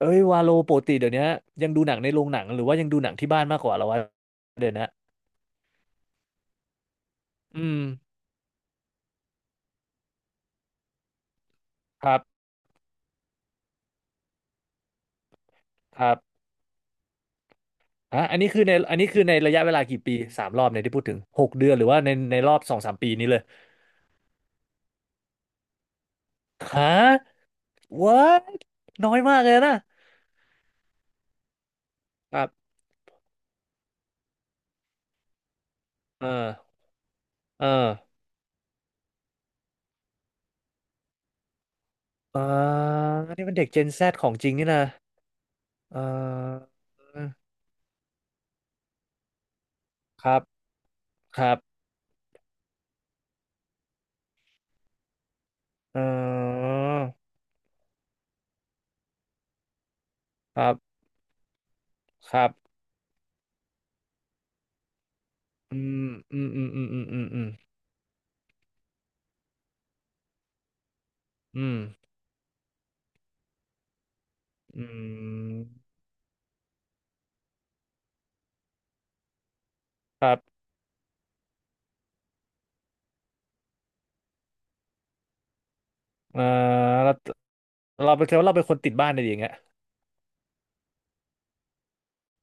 เอ้ยวาโลปกติเดี๋ยวนี้ยังดูหนังในโรงหนังหรือว่ายังดูหนังที่บ้านมากกว่าเหราวะเดี๋ยวนะอืมครับครับอ่ะอันนี้คือในระยะเวลากี่ปีสามรอบเนี่ยที่พูดถึงหกเดือนหรือว่าในรอบสองสามปีนี้เลยฮะ what น้อยมากเลยนะครับเออเอออ่านี่มันเด็ก Gen Z ของจริงนี่นะเออครับครับเออครับครับอืมอืมอืมอืมอืมอืมอืมอืม อืมครับเออเราเราเป็นแค่ว่าเราเป็นคนติดบ้านอะไรอย่างเงี้ย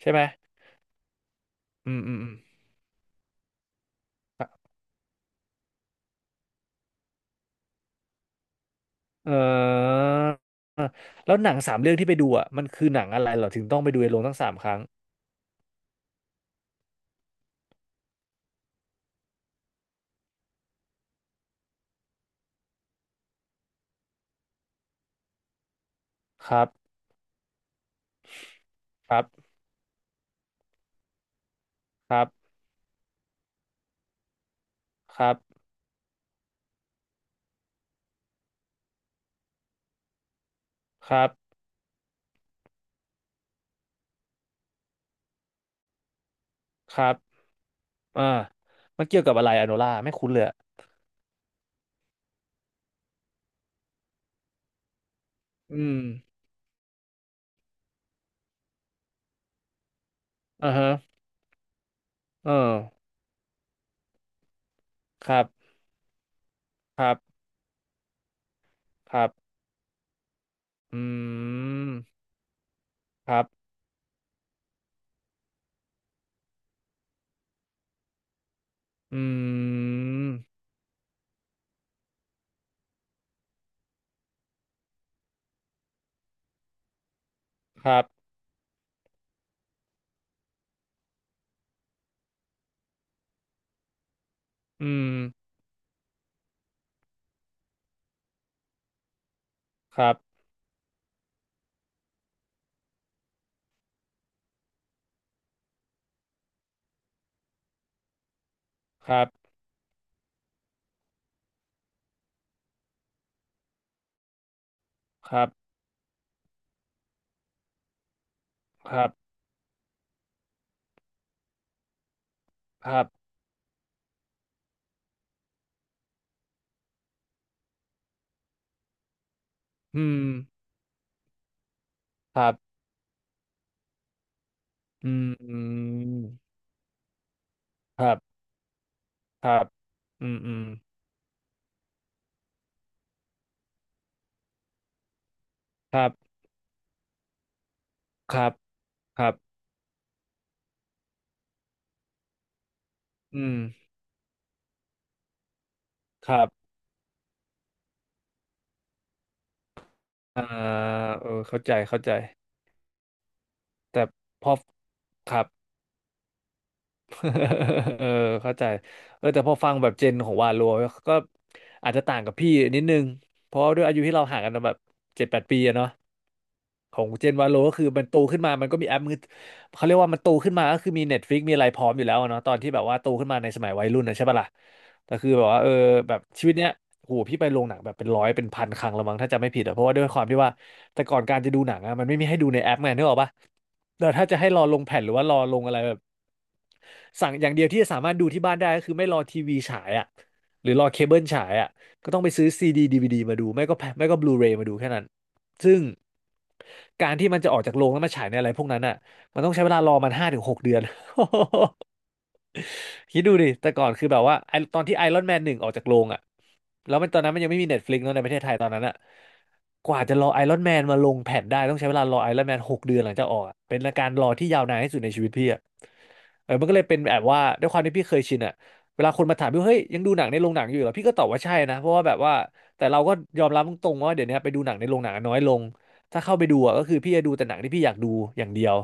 ใช่ไหมอืมอืมอืมเออแล้วหนังสามเรื่องที่ไปดูอ่ะมันคือหนังอะไรเหรอถึงต้องไปดูในโรงตั้งสามครั้งครับครับครับครับครับครับอ่ามันเกี่ยวกับอะไรอะโนล่าไม่คุ้นเลยอะอืมอ่าฮะเออครับครับครับอืมครับอืมครับอืมครับครับครับครับครับ ครับอืมครับอืมอืมครับครับอืมอืมครับครับครับอืมครับอ่าเออเข้าใจเข้าใจแต่พอครับ เออ เข้าใจเออแต่พอฟังแบบเจนของวาโลก็อาจจะต่างกับพี่นิดนึง เพราะว่าด้วยอายุที่เราห่างกันแบบเจ็ดแปดปีอะเนาะ ของเจนวาโลก็คือมันโตขึ้นมามันก็มีแอปมือเขาเรียกว่ามันโตขึ้นมาก็คือมี Netflix มีอะไรพร้อมอยู่แล้วอะเนาะตอนที่แบบว่าโตขึ้นมาในสมัยวัยรุ่นนะใช่ปะล่ะ แต่คือแบบว่าเออแบบชีวิตเนี้ยโหพี่ไปโรงหนังแบบเป็นร้อยเป็นพันครั้งและมั้งถ้าจำไม่ผิดอะเพราะว่าด้วยความที่ว่าแต่ก่อนการจะดูหนังอะมันไม่มีให้ดูในแอปไงนึกออกปะแต่ถ้าจะให้รอลงแผ่นหรือว่ารอลงอะไรแบบสั่งอย่างเดียวที่จะสามารถดูที่บ้านได้ก็คือไม่รอทีวีฉายอะหรือรอเคเบิลฉายอะก็ต้องไปซื้อซีดีดีวีดีมาดูไม่ก็แผ่นไม่ก็บลูเรย์มาดูแค่นั้น ซึ่งการที่มันจะออกจากโรงแล้วมาฉายในอะไรพวกนั้นอ่ะมันต้องใช้เวลารอมันห้าถึงหกเดือน คิดดูดิแต่ก่อนคือแบบว่าไอตอนที่ไอรอนแมนหนึ่งออกจากโรงอ่ะแล้วมันตอนนั้นมันยังไม่มีเน็ตฟลิกซ์เนอะในประเทศไทยตอนนั้นอ่ะกว่าจะรอไอรอนแมนมาลงแผ่นได้ต้องใช้เวลารอไอรอนแมนหกเดือนหลังจากออกอะเป็นการรอที่ยาวนานที่สุดในชีวิตพี่อะ เออมันก็เลยเป็นแบบว่าด้วยความที่พี่เคยชินอะเวลาคนมาถามพี่ว่าเฮ้ยยังดูหนังในโรงหนังอยู่เหรอพี่ก็ตอบว่าใช่นะเพราะว่าแบบว่าแต่เราก็ยอมรับตรงๆว่าเดี๋ยวนี้ไปดูหนังในโรงหนังน้อยลง ถ้าเข้าไปดูอะก็คือพี่จะดูแต่หนังที่พี่อยากดูอย่างเดียว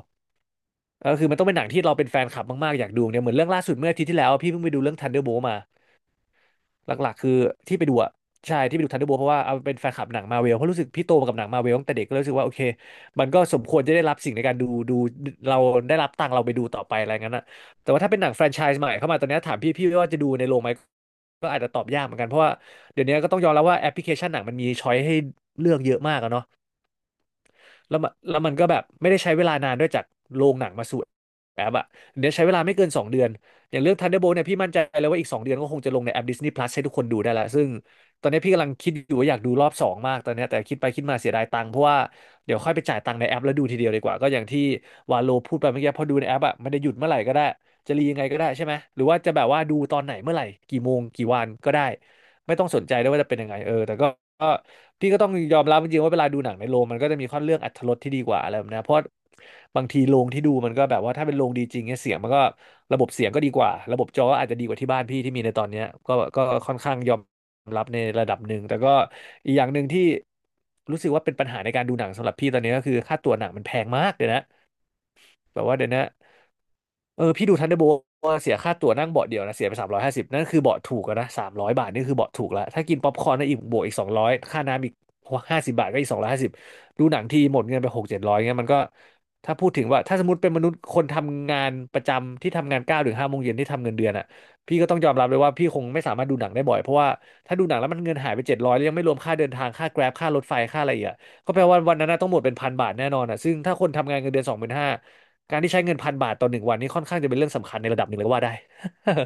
ก็คือมันต้องเป็นหนังที่เราเป็นแฟนคลับมากๆอยากดูเนี่ยเหมือนเรื่องล่าสุดเมื่ออาทิตย์ที่แล้วอะพี่เพิ่งไปดูเรื่อง Thunderbolt มา หลักๆคือที่ไปดูอะใช่ที่ไปดูทันเดอร์โบเพราะว่าเอาเป็นแฟนคลับหนังมาเวลเพราะรู้สึกพี่โตมากับหนังมาเวลตั้งแต่เด็กก็เลยรู้สึกว่าโอเคมันก็สมควรจะได้รับสิ่งในการดูเราได้รับตังค์เราไปดูต่อไปอะไรงั้นอะแต่ว่าถ้าเป็นหนังแฟรนไชส์ใหม่เข้ามาตอนนี้ถามพี่ว่าจะดูในโรงไหมก็อาจจะตอบยากเหมือนกันเพราะว่าเดี๋ยวนี้ก็ต้องยอมรับว่าแอปพลิเคชันหนังมันมีช้อยให้เลือกเยอะมากอะเนาะ แล้วมันก็แบบไม่ได้ใช้เวลานานด้วยจากโรงหนังมาสู่แอปอะเดี๋ยวใช้เวลาไม่เกิน2เดือน อย่างเรื่อง Thunderbolt เนี่ยพี่มั่นใจเลยว่าอีก2เดือนก็คงจะลงในแอป Disney Plus ให้ทุกคนดูได้ละซึ่งตอนนี้พี่กำลังคิดอยู่ว่าอยากดูรอบสองมากตอนนี้แต่คิดไปคิดมาเสียดายตังค์เพราะว่าเดี๋ยวค่อยไปจ่ายตังค์ในแอปแล้วดูทีเดียวดีกว่าก็อย่างที่วาโลพูดไปเมื่อกี้พอดูในแอปอะมันจะหยุดเมื่อไหร่ก็ได้จะรียังไงก็ได้ใช่ไหมหรือว่าจะแบบว่าดูตอนไหนเมื่อไหร่กี่โมงกี่วันก็ได้ไม่ต้องสนใจด้วยว่าจะเป็นยังไงเออแต่ก็ พี่ก็ต้องยอมรับจริงๆว่าเวลาดูหนังในโรงมันก็จะมีข้อเรื่องอรรถรสที่ดีกว่าอะไรแบบเนี้ยเพราะบางทีโรงที่ดูมันก็แบบว่าถ้าเป็นโรงดีจริงเนี่ยเสียงมันก็ระบบเสียงก็ดีกว่าระบบจอก็อาจจะดีกว่าที่บ้านพี่ที่มีในตอนเนี้ยก็ค่อนข้างยอมรับในระดับหนึ่งแต่ก็อีกอย่างหนึ่งที่รู้สึกว่าเป็นปัญหาในการดูหนังสำหรับพี่ตอนนี้ก็คือค่าตั๋วหนังมันแพงมากเลยนะ แบบว่าเดี๋ยวนะพี่ดูทันเดอร์โบว่าเสียค่าตั๋วนั่งเบาะเดียวนะเสียไป350นั่นคือเบาะถูกแล้วนะ300 บาทนี่คือเบาะถูกแล้ว ถ้ากินป๊อปคอร์นนะอีกบวกอีกสองร้อยค่าน้ำอีก50 บาทก็อีก250ดูหนังทีหมดเงินไปหกเจ็ดร้อยเงี้ยมันก็ถ้าพูดถึงว่าถ้าสมมติเป็นมนุษย์คนทำงานประจำที่ทำงาน9 โมงถึง 5 โมงเย็นที่ทำเงินเดือนอ่ะพี่ก็ต้องยอมรับเลยว่าพี่คงไม่สามารถดูหนังได้บ่อยเพราะว่าถ้าดูหนังแล้วมันเงินหายไปเจ็ดร้อยแล้วยังไม่รวมค่าเดินทางค่าแกร็บค่ารถไฟค่าอะไรอีกอะก็แปลว่าวันนั้นน่ะต้องหมดเป็นพันบาทแน่นอนอ่ะซึ่งถ้าคนทำงานเงินเดือน25,000 การที่ใช้เงิน1,000 บาทต่อหนึ่งวันนี่ค่อนข้างจะเป็นเรื่องสำคัญในระดับหนึ่งเลยก็ว่าได้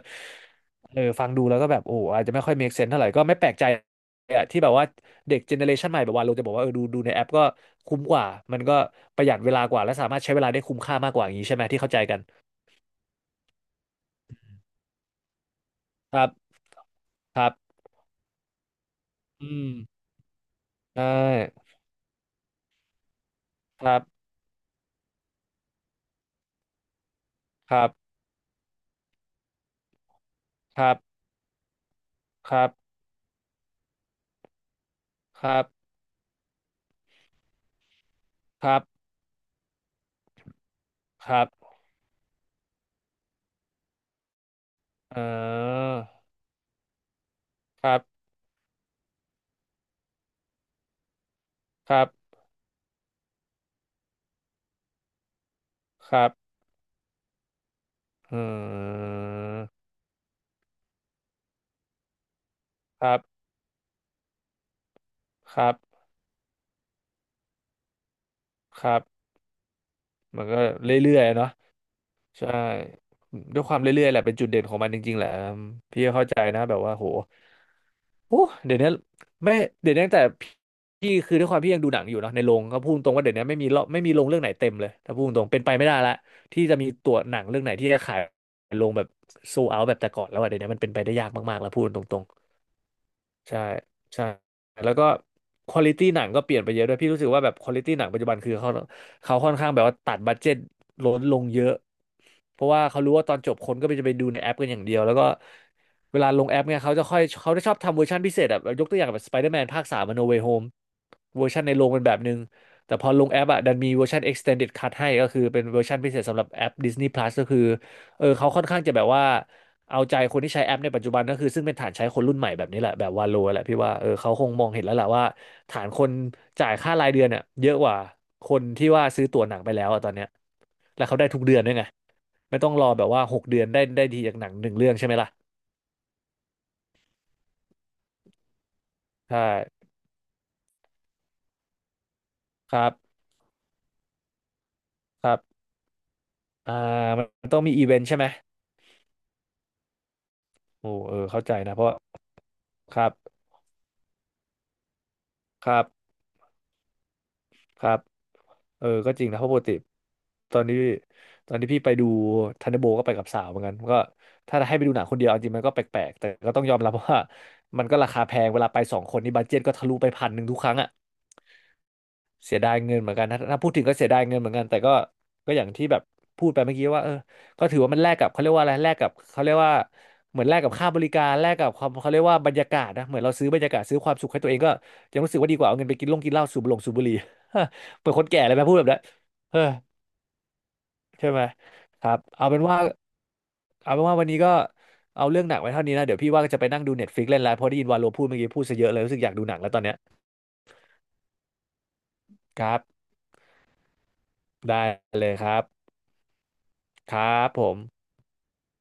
ฟังดูแล้วก็แบบโอ้อาจจะไม่ค่อย make sense เท่าไหร่ก็ไม่แปลกใจอะที่แบบว่าเด็กเจเนอเรชันใหม่แบบว่าเราจะบอกว่าดูในแอปก็คุ้มกว่ามันก็ประหยัดเวลากว่าและสามารถใช้เวลาได้คุ้มค่ามากกว่าอย่างนี้ใช่ไหมที่เข้าใจกันครับครับอืมใช่ครับครับครับครับครับครับครับเออครับครับครับเออครับครับครับ มันก็เรื่อยๆเนาะใช่ด้วยความเรื่อยๆแหละเป็นจุดเด่นของมันจริงๆแหละอืมพี่ก็เข้าใจนะแบบว่าโหโอ้เดี๋ยวนี้ไม่เดี๋ยวนี้ตั้งแต่พี่คือด้วยความพี่ยังดูหนังอยู่เนาะในโรงก็พูดตรงว่าเดี๋ยวนี้ไม่มีรอบไม่มีโรงเรื่องไหนเต็มเลยถ้าพูดตรงเป็นไปไม่ได้ละที่จะมีตัวหนังเรื่องไหนที่จะขายโรงแบบโซเอาแบบแต่ก่อนแล้วอะเดี๋ยวนี้มันเป็นไปได้ยากมากๆแล้วพูดตรง ใช่ใช่แล้วก็ควอลิตี้หนังก็เปลี่ยนไปเยอะด้วยพี่รู้สึกว่าแบบควอลิตี้หนังปัจจุบันคือเขาเขาค่อนข้างแบบว่าตัดบัดเจ็ตลดลงเยอะเพราะว่าเขารู้ว่าตอนจบคนก็จะไปดูในแอปกันอย่างเดียวแล้วก็เวลาลงแอปเนี่ยเขาจะชอบทำเวอร์ชันพิเศษอะแบบยกตัวอย่างแบบสไปเดอร์แมนภาคสามโนเวโฮมเวอร์ชันในโรงเป็นแบบนึงแต่พอลงแอปอะดันมีเวอร์ชัน extended cut ให้ก็คือเป็นเวอร์ชันพิเศษสำหรับแอป Disney Plus ก็คือเขาค่อนข้างจะแบบว่า เอาใจคนที่ใช้แอปในปัจจุบันก็คือซึ่งเป็นฐานใช้คนรุ่นใหม่แบบนี้แหละแบบวาโลแหละพี่ว่าเขาคงมองเห็นแล้วแหละว่าฐานคนจ่ายค่ารายเดือนเนี่ยเยอะกว่าคนที่ว่าซื้อตั๋วหนังไปแล้วอะตอนเนี้ยแล้วเขาได้ทุกเดือนด้วยไงไม่ต้องรอแบบว่า6 เดือนได้ทีจากหนังหนึ่งเรื่องใช่ไหมล่ะใช่ครับครับอ่ามันต้องมีอีเวนต์ใช่ไหมโอ้เข้าใจนะเพราะครับครับครับ ก็จริงนะ เพราะปกติตอนนี้ตอนที่พี่ไปดูทันเดอร์โบก็ไปกับสาวเหมือนกันก็ถ้าให้ไปดูหนังคนเดียวเอาจริงมันก็แปลกๆ แต่ก็ต้องยอมรับว่ามันก็ราคาแพงเวลาไปสองคนนี่บัดเจ็ตก็ทะลุไป1,100ทุกครั้งอ่ะ เสียดายเงินเหมือนกันนะถ้าพูดถึงก็เสียดายเงินเหมือนกันแต่ก็ก็อย่างที่แบบพูดไปเมื่อกี้ว่าก็ถือว่ามันแลกกับเขาเรียกว่าอะไรแลกกับเขาเรียกว่าเหมือนแลกกับค่าบริการแลกกับความเขาเรียกว่าบรรยากาศนะเหมือนเราซื้อบรรยากาศซื้อความสุขให้ตัวเองก็ยังรู้สึกว่าดีกว่าเอาเงินไปกินลงกินเหล้าสูบลงสูบบุหรี่ เปิดคนแก่เลยไหมพูดแบบนั้นเออใช่ไหมครับเอาเป็นว่าเอาเป็นว่าวันนี้ก็เอาเรื่องหนักไว้เท่านี้นะเดี๋ยวพี่ว่าจะไปนั่งดูเน็ตฟลิกเล่นแล้วเพราะได้ยินวาโลพูดเมื่อกี้พูดซะเยอะเลยรู้สึกอยากดูหนังแล้วตอนเนี้ยครับได้เลยครับครับผม